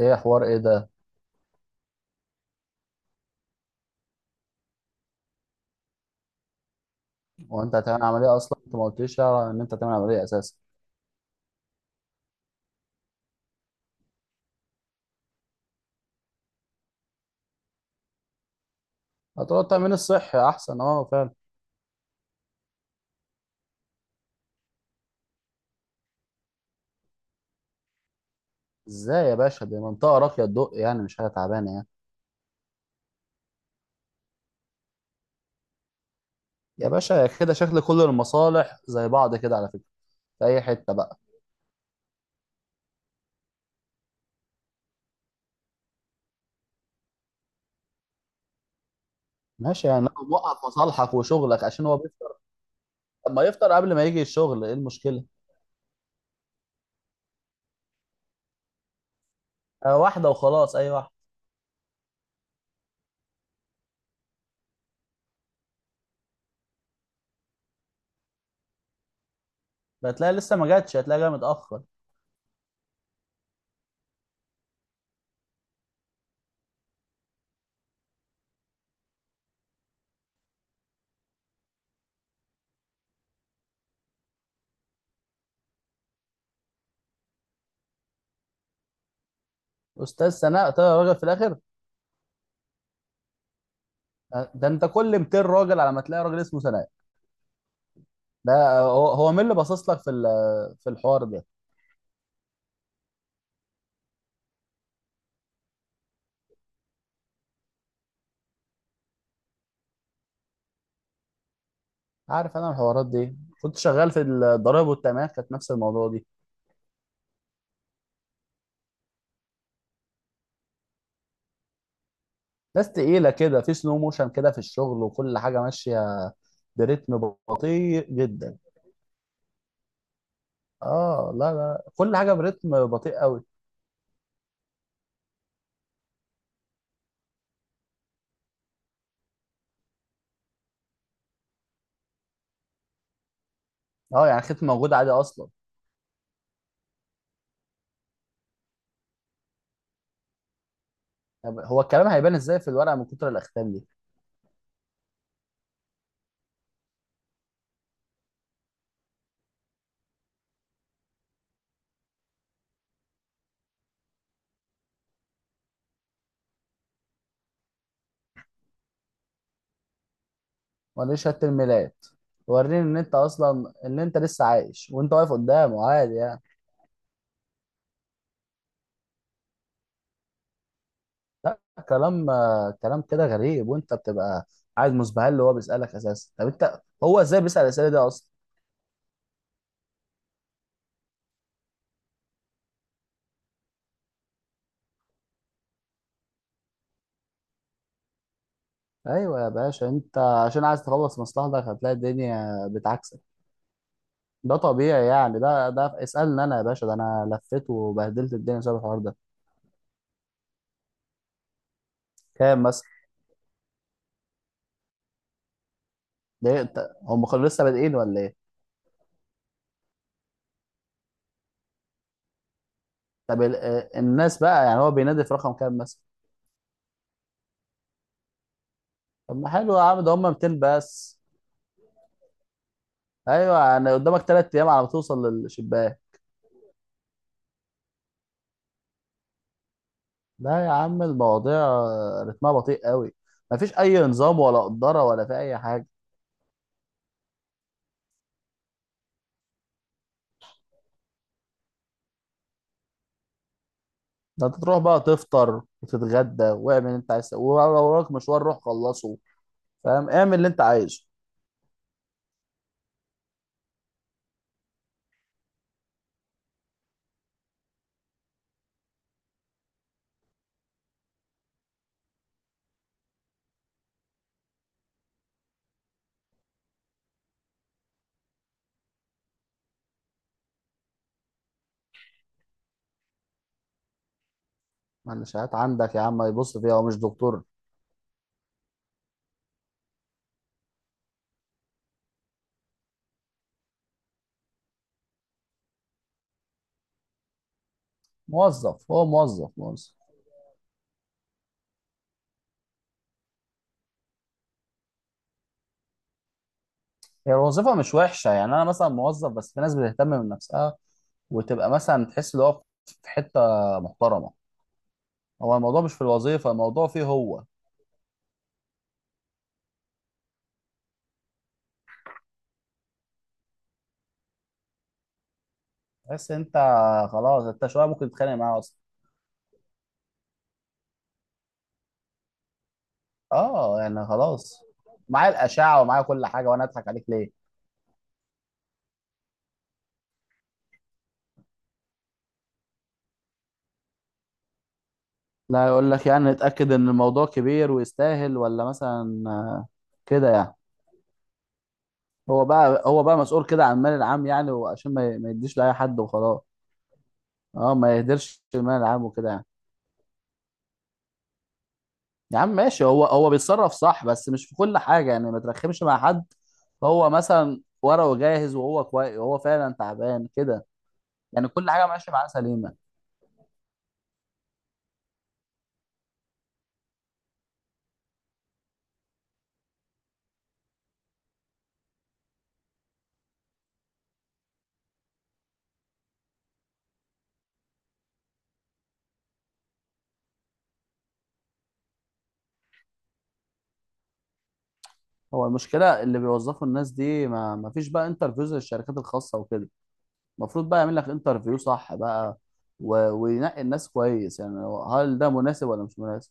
ايه حوار ايه ده؟ هو انت هتعمل عمليه اصلا؟ انت ما قلتليش يعني ان انت هتعمل عمليه اساسا. هتقول التامين الصحي احسن، اه فعلا. ازاي يا باشا؟ دي منطقه راقيه الضوء، يعني مش حاجه تعبانه يعني. يا باشا كده شكل كل المصالح زي بعض كده على فكره. في اي حته بقى؟ ماشي يعني لو موقف مصالحك وشغلك عشان هو بيفطر. طب ما يفطر قبل ما يجي الشغل، ايه المشكله؟ آه، واحده وخلاص، اي واحده. هتلاقي لسه ما جاتش، هتلاقي جايه متاخر. استاذ سناء طلع راجل في الاخر. آه، ده انت كل 200 راجل على ما تلاقي راجل اسمه سناء. ده هو مين اللي باصص لك في في الحوار ده؟ عارف، انا الحوارات دي كنت شغال في الضرايب والتأمينات، كانت نفس الموضوع دي. ناس تقيلة كده، في سلو موشن كده في الشغل وكل حاجة ماشية برتم بطيء جدا. اه لا لا، كل حاجة برتم بطيء قوي. اه يعني ختم موجود عادي اصلا؟ طب هو الكلام هيبان ازاي في الورقة من كتر الاختام دي؟ وريني شهادة الميلاد، وريني ان انت اصلا ان انت لسه عايش وانت واقف قدامه عادي يعني. لا، كلام كلام كده غريب، وانت بتبقى قاعد مسبهل اللي هو بيسألك اساسا. طب انت هو ازاي بيسأل الاسئله دي اصلا؟ ايوه يا باشا، انت عشان عايز تخلص مصلحتك هتلاقي الدنيا بتعكسك. ده طبيعي يعني، ده اسألني انا يا باشا، ده انا لفيت وبهدلت الدنيا بسبب الحوار ده. كام مثلا؟ ليه، انت هم كانوا لسه بادئين ولا ايه؟ طب الناس بقى، يعني هو بينادي في رقم كام مثلا؟ طب ما حلو يا عم، ده هم 200 بس. ايوه يعني قدامك 3 ايام على ما توصل للشباك. لا يا عم، المواضيع رتمها بطيء قوي. مفيش اي نظام ولا قدره ولا في اي حاجه. ده انت تروح بقى تفطر وتتغدى واعمل اللي انت عايز تسويه، ولو وراك مشوار روح خلصه. فاهم، اعمل اللي انت عايزه. معلشات عندك يا عم، ما يبص فيها، هو مش دكتور. موظف، هو موظف موظف. هي الوظيفه مش وحشه، يعني انا مثلا موظف، بس في ناس بتهتم من نفسها وتبقى مثلا تحس ان هو في حته محترمه. هو الموضوع مش في الوظيفه، الموضوع فيه هو. تحس انت خلاص انت شويه ممكن تتخانق معاه. اه يعني خلاص، معايا الاشعه ومعايا كل حاجه وانا اضحك عليك ليه؟ لا، يقول لك يعني اتأكد ان الموضوع كبير ويستاهل، ولا مثلا كده يعني. هو بقى مسؤول كده عن المال العام يعني، وعشان ما يديش لأي حد وخلاص. اه، ما يهدرش المال العام وكده يعني. يا عم ماشي، هو بيتصرف صح، بس مش في كل حاجة يعني، ما ترخمش مع حد. هو مثلا ورقه جاهز وهو كويس وهو فعلا تعبان كده، يعني كل حاجة ماشية معاه سليمة. هو المشكله اللي بيوظفوا الناس دي، ما فيش بقى انترفيوز للشركات الخاصه وكده؟ المفروض بقى يعمل لك انترفيو صح بقى، و... وينقي الناس كويس، يعني هل ده مناسب ولا مش مناسب.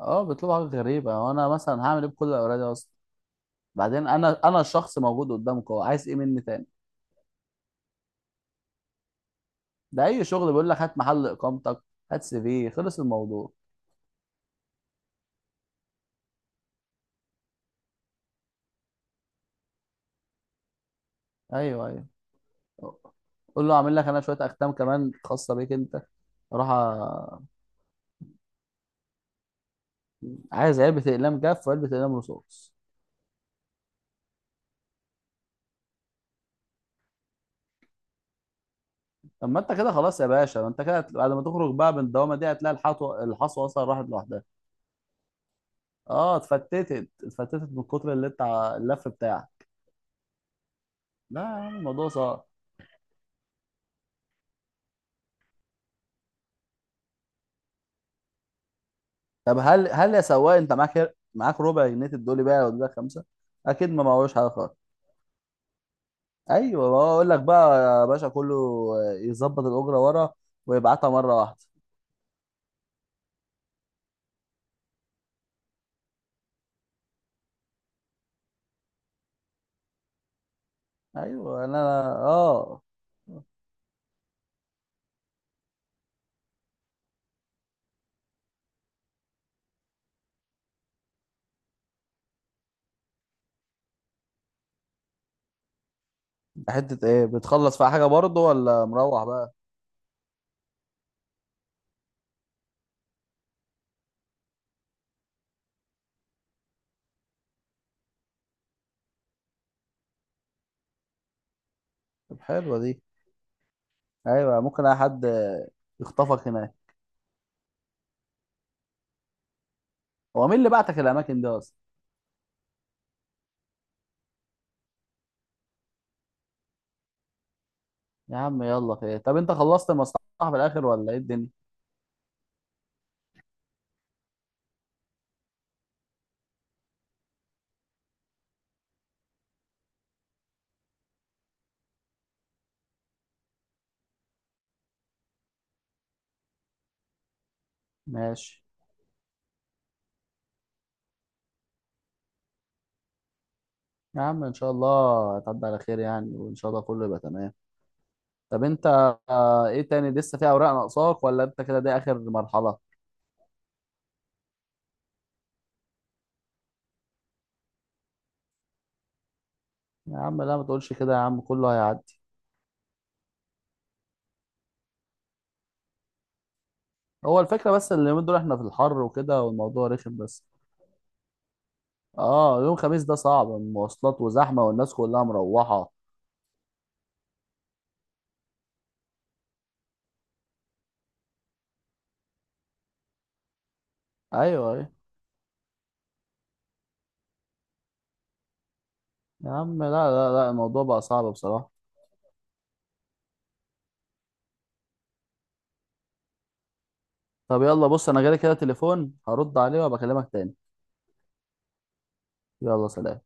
اه بيطلبوا حاجات غريبه، وانا مثلا هعمل ايه بكل الاوراق دي اصلا؟ بعدين انا الشخص موجود قدامك، هو عايز ايه مني تاني؟ ده اي شغل بيقول لك هات محل اقامتك، هات سي في، خلص الموضوع. ايوه ايوه، قول له اعمل لك انا شويه اختام كمان خاصه بيك انت. راح أ- عايز علبه اقلام جاف وعلبه اقلام رصاص. طب ما انت كده خلاص يا باشا، ما انت كده بعد ما تخرج بقى من الدوامه دي هتلاقي الحطوه الحصوه اصلا راحت لوحدها. اه اتفتتت اتفتتت من كتر اللي انت اللف بتاعك. لا يا عم، الموضوع صعب. طب هل يا سواق انت معاك معاك ربع جنيه تدولي بقى ولا خمسه؟ اكيد ما معهوش حاجه خالص. ايوه بقول لك بقى يا باشا، كله يظبط الاجره ورا ويبعتها مره واحده. ايوه انا، اه. حته ايه؟ بتخلص في حاجه برضه ولا مروح بقى؟ طب حلوه دي. ايوه، ممكن اي حد يخطفك هناك. هو مين اللي بعتك الاماكن دي اصلا؟ يا عم يلا خير، طب انت خلصت المصلحه في الاخر ولا ايه الدنيا؟ ماشي. يا عم ان شاء الله هتعدي على خير يعني، وان شاء الله كله يبقى تمام. طب انت ايه تاني؟ لسه في اوراق ناقصاك ولا انت كده دي اخر مرحله؟ يا عم لا ما تقولش كده، يا عم كله هيعدي. هو الفكره بس اللي من دول احنا في الحر وكده والموضوع رخم بس. اه يوم خميس ده صعب، المواصلات وزحمه والناس كلها مروحه. ايوه ايوه. يا عم لا لا لا، الموضوع بقى صعب بصراحه. طب يلا بص، انا جالي كده تليفون هرد عليه وابقى اكلمك تاني. يلا سلام.